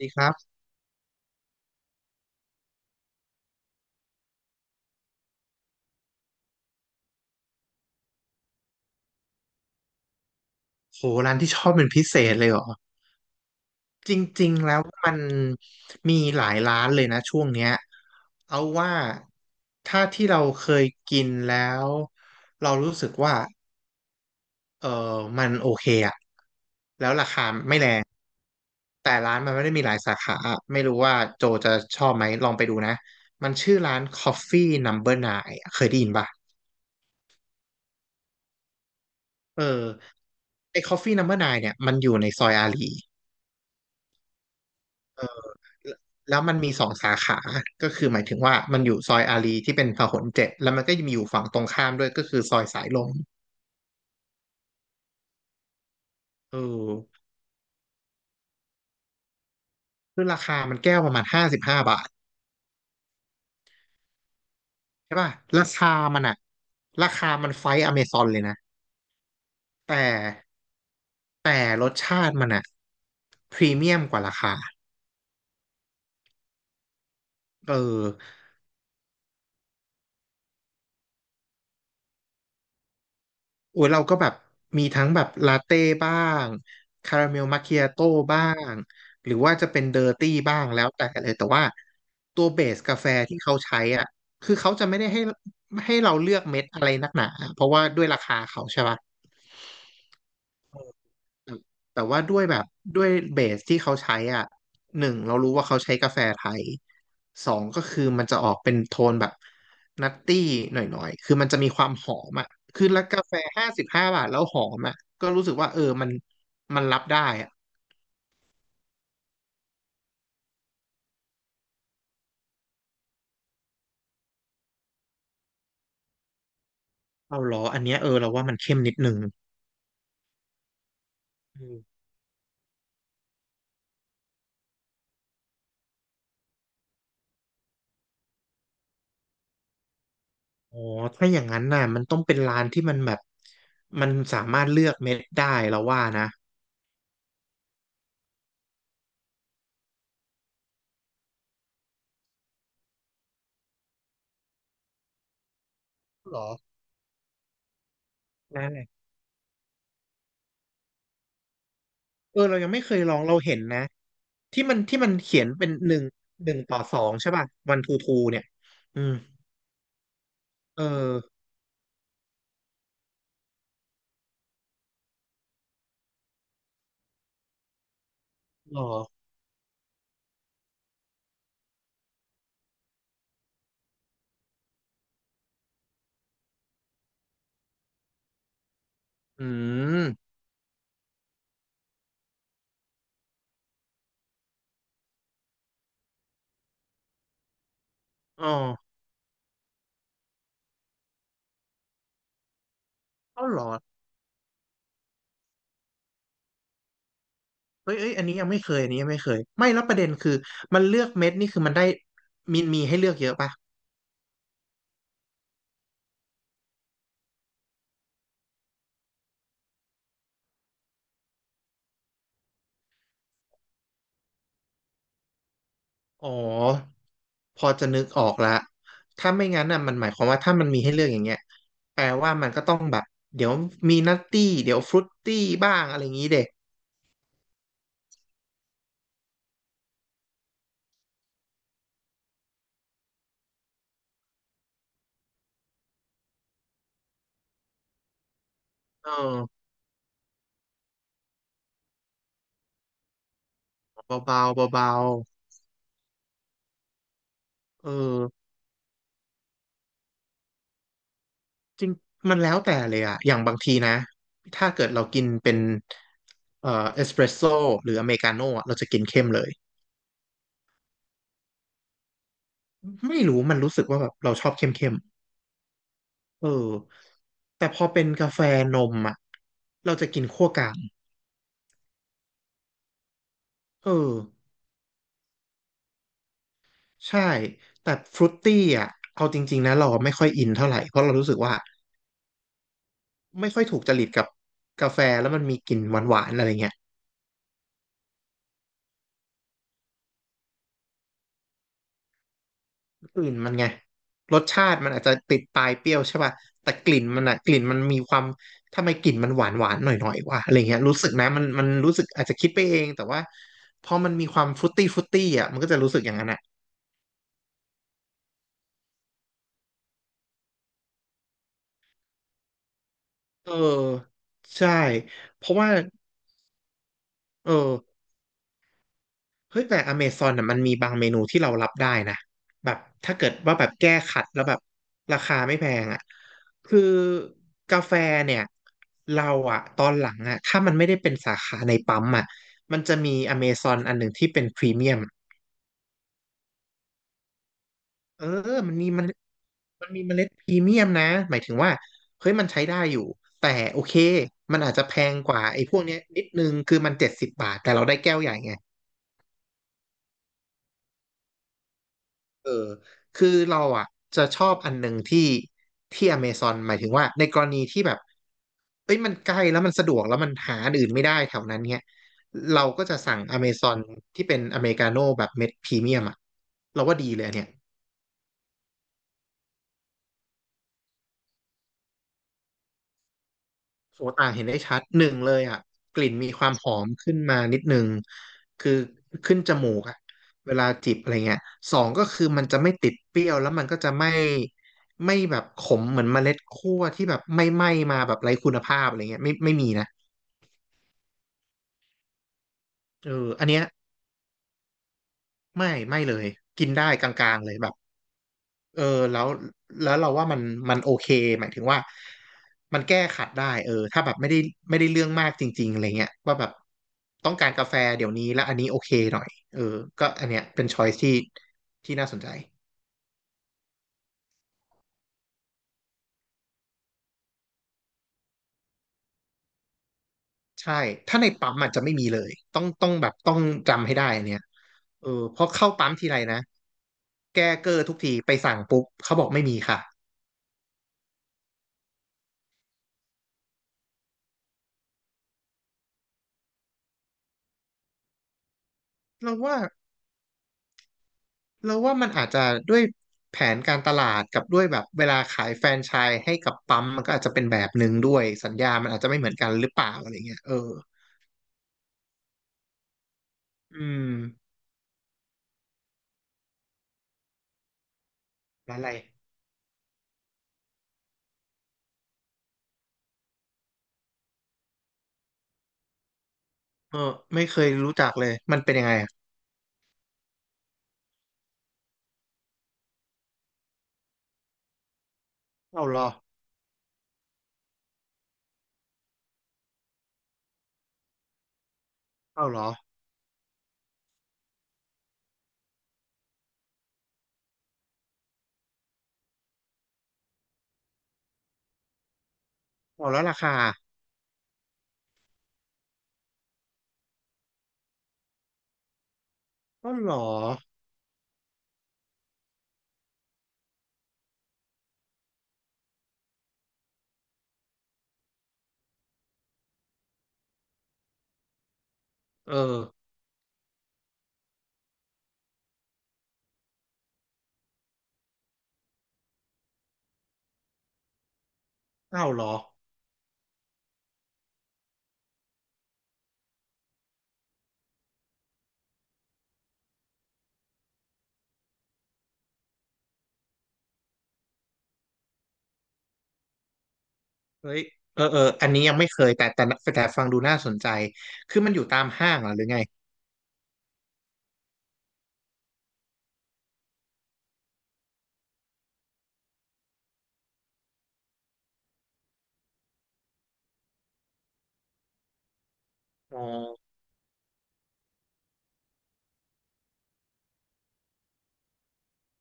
ดีครับโหร้านที่ชอบเป็นพิเศษเลยเหรอจริงๆแล้วมันมีหลายร้านเลยนะช่วงเนี้ยเอาว่าถ้าที่เราเคยกินแล้วเรารู้สึกว่าเออมันโอเคอะแล้วราคาไม่แรงแต่ร้านมันไม่ได้มีหลายสาขาไม่รู้ว่าโจจะชอบไหมลองไปดูนะมันชื่อร้าน Coffee Number n น n e เคยได้ยินป่ะเออไอ้ Coffee Number n น n e เนี่ยมันอยู่ในซอยอารี แล้วมันมีสองสาขา ก็คือหมายถึงว่ามันอยู่ซอยอารีย์ที่เป็นพหลเจ็ดแล้วมันก็จะมีอยู่ฝั่งตรงข้ามด้วยก็คือซอยสายลมเออคือราคามันแก้วประมาณห้าสิบห้าบาทใช่ป่ะราคามันอะราคามันไฟท์อเมซอนเลยนะแต่รสชาติมันอะพรีเมียมกว่าราคาเออ โอ้ยเราก็แบบมีทั้งแบบลาเต้บ้างคาราเมลมัคคิอาโต้บ้างหรือว่าจะเป็นเดอร์ตี้บ้างแล้วแต่เลยแต่ว่าตัวเบสกาแฟที่เขาใช้อ่ะคือเขาจะไม่ได้ให้เราเลือกเม็ดอะไรนักหนาเพราะว่าด้วยราคาเขาใช่ปะ แต่ว่าด้วยแบบด้วยเบสที่เขาใช้อ่ะหนึ่งเรารู้ว่าเขาใช้กาแฟไทยสองก็คือมันจะออกเป็นโทนแบบนัตตี้หน่อยๆคือมันจะมีความหอมอ่ะคือแล้วกาแฟห้าสิบห้าบาทแล้วหอมอ่ะก็รู้สึกว่าเออมันรับได้อ่ะเอาเหรออันเนี้ยเออเราว่ามันเข้มนิดนึงอืมอ๋อถ้าอย่างนั้นน่ะมันต้องเป็นร้านที่มันแบบมันสามารถเลือกเม็ดได้เราว่านะเหรอได้ เออเรายังไม่เคยลองเราเห็นนะที่มันเขียนเป็นหนึ่งหนึ่งต่อสองใช่ป่ะวันทูทูเนี่ยอืมเออหรออืมอ๋อเอ้าหรอเฮ้ยเอ้ยอันนี้ยังไม่เคยอันนี้ยังไม่เคยไม่แล้วประเด็นคือมันเลือกเม็ดนี่คือมันได้มีให้เลือกเยอะป่ะอ๋อพอจะนึกออกละถ้าไม่งั้นน่ะมันหมายความว่าถ้ามันมีให้เลือกอย่างเงี้ยแปลว่ามันก็ต้องแบบเดี๋ยวมีนัตตี้เดี๋ยวฟรุตตี้บ้างอะไรอย่างงี้เด็กเออเบาๆเบา เออจริงมันแล้วแต่เลยอะอย่างบางทีนะถ้าเกิดเรากินเป็นเอสเปรสโซ่หรืออเมริกาโน่อะเราจะกินเข้มเลยไม่รู้มันรู้สึกว่าแบบเราชอบเข้มๆเออแต่พอเป็นกาแฟนมอะเราจะกินคั่วกลางเออใช่แต่ฟรุตตี้อะเอาจริงๆนะเราไม่ค่อยอินเท่าไหร่เพราะเรารู้สึกว่าไม่ค่อยถูกจริตกับกาแฟแล้วมันมีกลิ่นหวานๆอะไรเงี้ย กลิ่นมันไงรสชาติมันอาจจะติดปลายเปรี้ยวใช่ป่ะแต่กลิ่นมันอะกลิ่นมีความทำไมกลิ่นมันหวานหวานหน่อยหน่อยว่ะอะไรเงี้ยรู้สึกนะมันรู้สึกอาจจะคิดไปเองแต่ว่าพอมันมีความฟรุตตี้ฟรุตตี้อะมันก็จะรู้สึกอย่างนั้นอะเออใช่เพราะว่าเออ เฮ้ยแต่อเมซอนน่ะมันมีบางเมนูที่เรารับได้นะแบบถ้าเกิดว่าแบบแก้ขัดแล้วแบบราคาไม่แพงอ่ะคือกาแฟเนี่ยเราอ่ะตอนหลังอ่ะถ้ามันไม่ได้เป็นสาขาในปั๊มอ่ะมันจะมีอเมซอนอันหนึ่งที่เป็นพรีเมียมเออมันมีมันมันมีเมล็ดพรีเมียมนะหมายถึงว่าเฮ้ยมันใช้ได้อยู่แต่โอเคมันอาจจะแพงกว่าไอ้พวกเนี้ยนิดนึงคือมัน70 บาทแต่เราได้แก้วใหญ่ไง เออคือเราอ่ะจะชอบอันหนึ่งที่อเมซอนหมายถึงว่าในกรณีที่แบบเอ้ยมันใกล้แล้วมันสะดวกแล้วมันหาอันอื่นไม่ได้แถวนั้นเนี่ยเราก็จะสั่งอเมซอนที่เป็นอเมริกาโน่แบบเม็ดพรีเมียมอ่ะเราว่าดีเลยอันเนี่ย โสต่างเห็นได้ชัดหนึ่งเลยอ่ะกลิ่นมีความหอมขึ้นมานิดนึงคือขึ้นจมูกอ่ะเวลาจิบอะไรเงี้ยสองก็คือมันจะไม่ติดเปรี้ยวแล้วมันก็จะไม่แบบขมเหมือนเมล็ดคั่วที่แบบไม่ไหม้มาแบบไร้คุณภาพอะไรเงี้ยไม่ไม่มีนะเอออันเนี้ยไม่ไม่เลยกินได้กลางๆเลยแบบ เออแล้วเราว่ามันโอเคหมายถึงว่ามันแก้ขัดได้เออถ้าแบบไม่ได้เรื่องมากจริงๆอะไรเงี้ยว่าแบบต้องการกาแฟเดี๋ยวนี้แล้วอันนี้โอเคหน่อยเออก็อันเนี้ยเป็นช้อยที่น่าสนใจใช่ถ้าในปั๊มอาจจะไม่มีเลยต้องจำให้ได้อันเนี้ยเออเพราะเข้าปั๊มทีไรนะแก้เกอร์ทุกทีไปสั่งปุ๊บเขาบอกไม่มีค่ะเราว่า มันอาจจะด้วยแผนการตลาดกับด้วยแบบเวลาขายแฟรนไชส์ให้กับปั๊มมันก็อาจจะเป็นแบบหนึ่งด้วยสัญญามันอาจจะไม่เหมือนกันหรือเปล่าอะไรเงี้ยเอออืมร้านอะไรเออไม่เคยรู้จักเลยมันเป็นยังไงอะเอาเหรอเอาเหรอเอาแล้วราคาก็เหรอเออเอาเหรอเฮ้ยเออเอออันนี้ยังไม่เคยแต่ฟังดูน่าสนใจคือมันอยู่ตามห้างเหรอหรือไงอ๋อ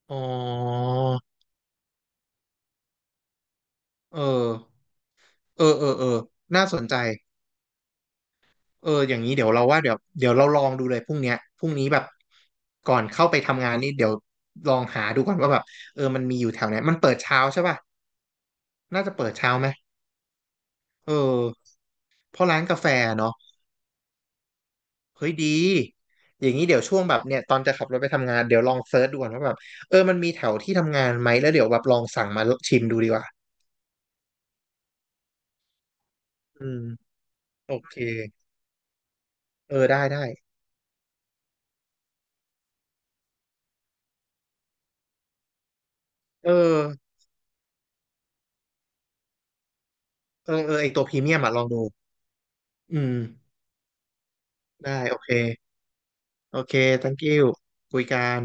อ๋อเออเออเออเออน่าสนใจ เอออย่างนี้เดี๋ยวเราว่าเดี๋ยวเราลองดูเลยพรุ่งนี้แบบก่อนเข้าไปทำงานนี่เดี๋ยวลองหาดูก่อนว่าแบบเออมันมีอยู่แถวไหนมันเปิดเช้าใช่ป่ะน่าจะเปิดเช้าไหมเออเพราะร้านกาแฟเนาะเฮ้ยดีอย่างนี้เดี๋ยวช่วงแบบเนี่ยตอนจะขับรถไปทำงานเดี๋ยวลองเซิร์ชดูก่อนว่าแบบเออมันมีแถวที่ทำงานไหมแล้วเดี๋ยวแบบลองสั่งมาชิมดูดีกว่าอืมโอเคเออได้ได้เออเออเออไอตัวพรีเมียมอะลองดูอืมได้โอเคโอเค thank you คุยกัน